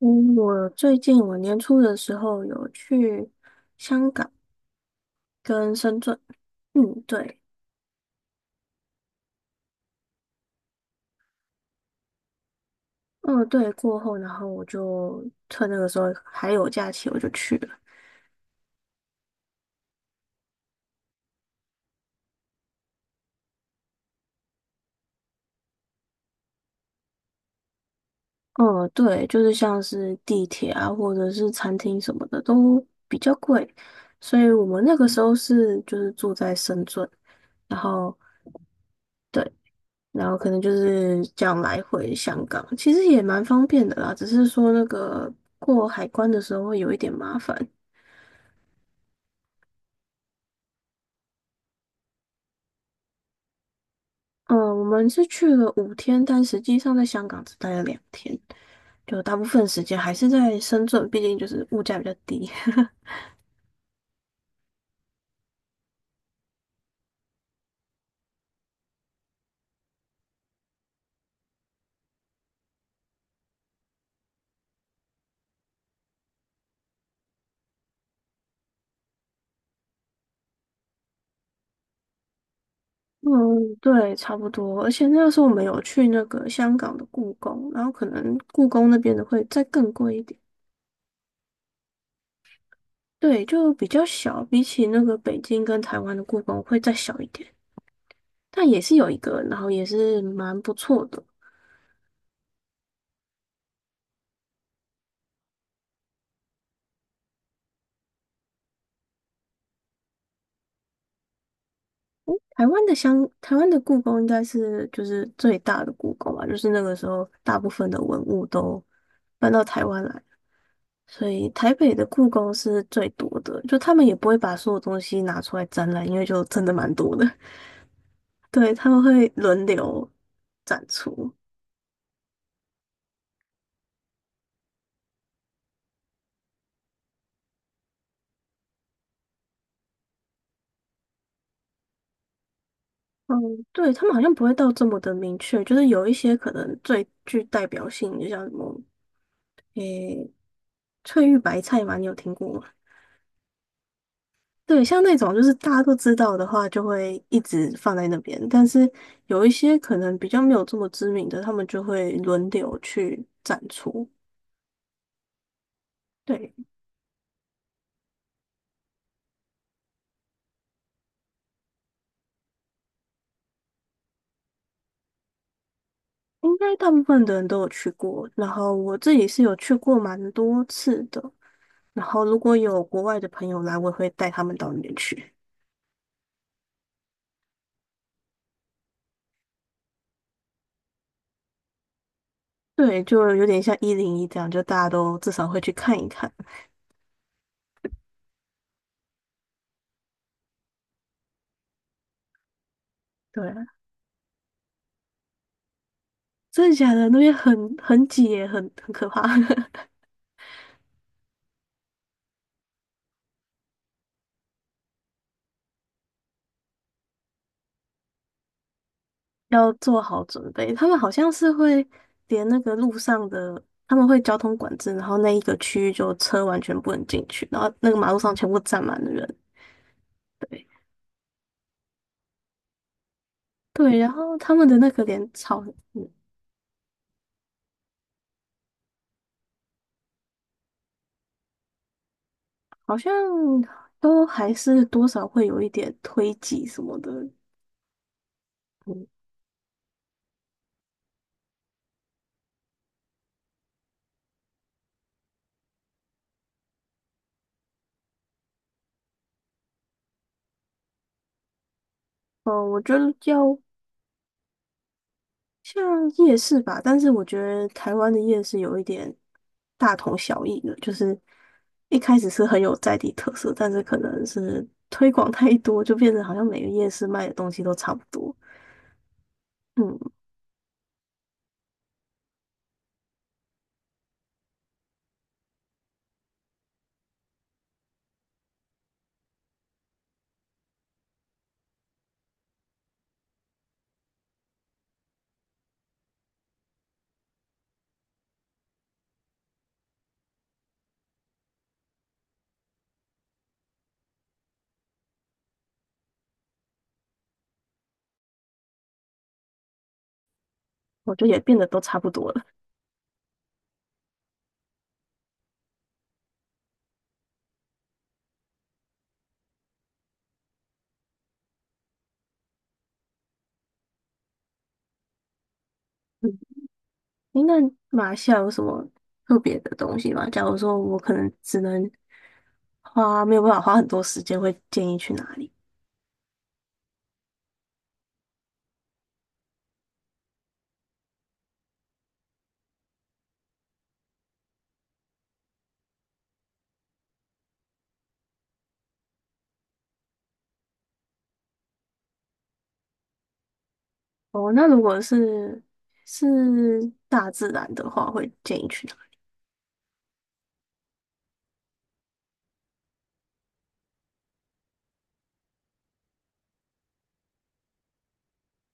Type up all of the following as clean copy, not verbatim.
嗯，我最近我年初的时候有去香港跟深圳。嗯，对。嗯，对，过后，然后我就趁那个时候还有假期，我就去了。嗯，对，就是像是地铁啊，或者是餐厅什么的都比较贵，所以我们那个时候是住在深圳。然后对，然后可能就是这样来回香港，其实也蛮方便的啦，只是说那个过海关的时候会有一点麻烦。嗯，我们是去了5天，但实际上在香港只待了两天，就大部分时间还是在深圳，毕竟就是物价比较低。嗯，对，差不多。而且那个时候我们有去那个香港的故宫，然后可能故宫那边的会再更贵一点。对，就比较小，比起那个北京跟台湾的故宫会再小一点，但也是有一个，然后也是蛮不错的。台湾的故宫应该是就是最大的故宫吧，就是那个时候大部分的文物都搬到台湾来，所以台北的故宫是最多的。就他们也不会把所有东西拿出来展览，因为就真的蛮多的。对，他们会轮流展出。嗯，对，他们好像不会到这么的明确，就是有一些可能最具代表性，就像什么，诶，翠玉白菜嘛，你有听过吗？对，像那种就是大家都知道的话，就会一直放在那边。但是有一些可能比较没有这么知名的，他们就会轮流去展出。对，应该大部分的人都有去过。然后我自己是有去过蛮多次的。然后如果有国外的朋友来，我也会带他们到那边去。对，就有点像101这样，就大家都至少会去看一看。对啊，真的假的？那边很挤耶，很可怕。要做好准备。他们好像是会连那个路上的，他们会交通管制，然后那一个区域就车完全不能进去，然后那个马路上全部站满了人。对。对，然后他们的那个连草，嗯，好像都还是多少会有一点推挤什么的。嗯。哦，我觉得要。像夜市吧，但是我觉得台湾的夜市有一点大同小异的，就是一开始是很有在地特色，但是可能是推广太多，就变成好像每个夜市卖的东西都差不多。嗯，我觉得也变得都差不多了。嗯，那马来西亚有什么特别的东西吗？假如说我可能只能花，没有办法花很多时间，会建议去哪里？哦，那如果是是大自然的话，会建议去哪？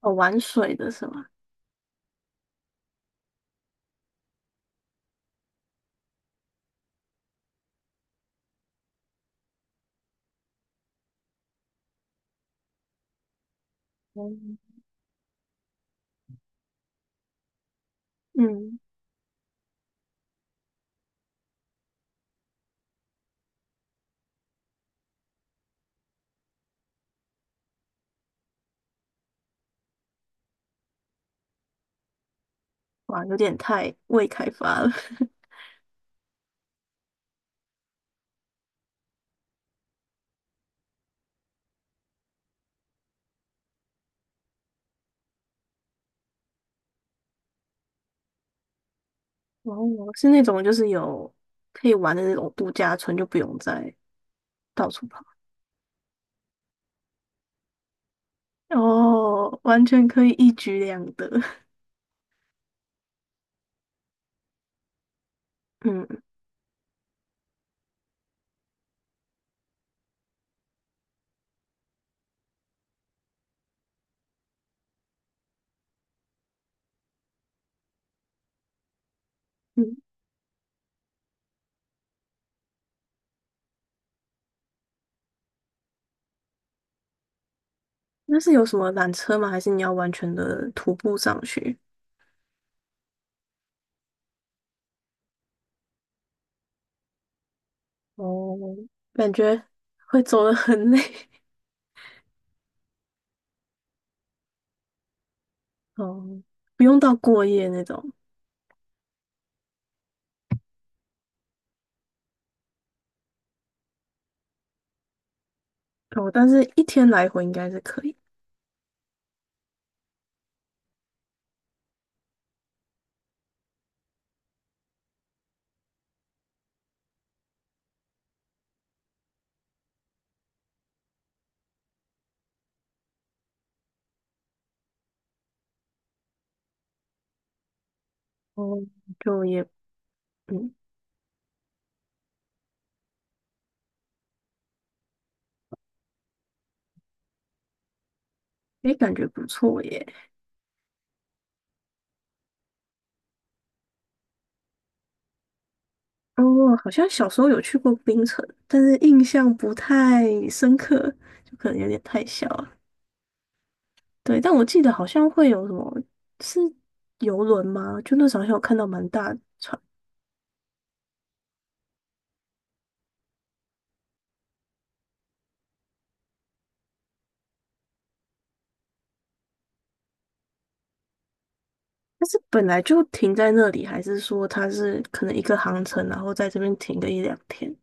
哦，玩水的是吗？嗯。嗯，哇，有点太未开发了。哦，是那种就是有可以玩的那种度假村，就不用再到处跑。哦，完全可以一举两得。嗯。嗯，那是有什么缆车吗？还是你要完全的徒步上去？哦，感觉会走的很累。哦，不用到过夜那种。哦，但是一天来回应该是可以。哦，就也嗯，诶，感觉不错耶。哦，好像小时候有去过冰城，但是印象不太深刻，就可能有点太小了。对，但我记得好像会有什么是游轮吗？就那时候好像有看到蛮大的船，但是本来就停在那里，还是说它是可能一个航程，然后在这边停个一两天？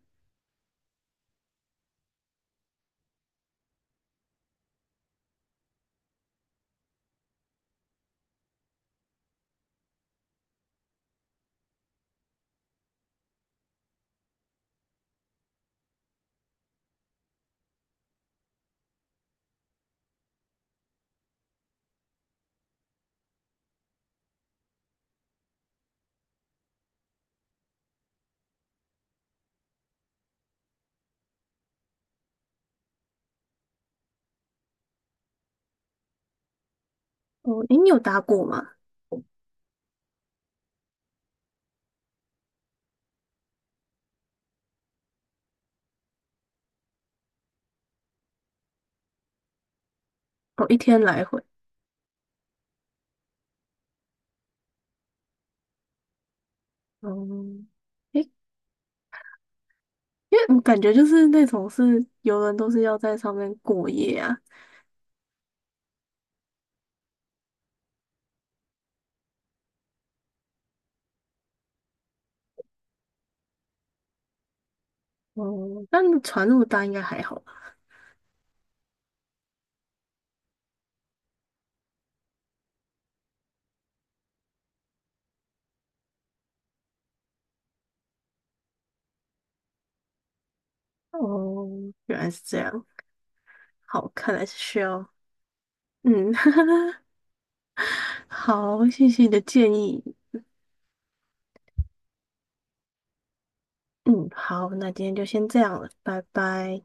哦，诶，你有搭过吗？哦，一天来回。哦，诶，因为我感觉就是那种是游轮都是要在上面过夜啊。哦，但船那么大应该还好。哦，原来是这样。好，看来是需要。嗯。好，谢谢你的建议。嗯，好，那今天就先这样了，拜拜。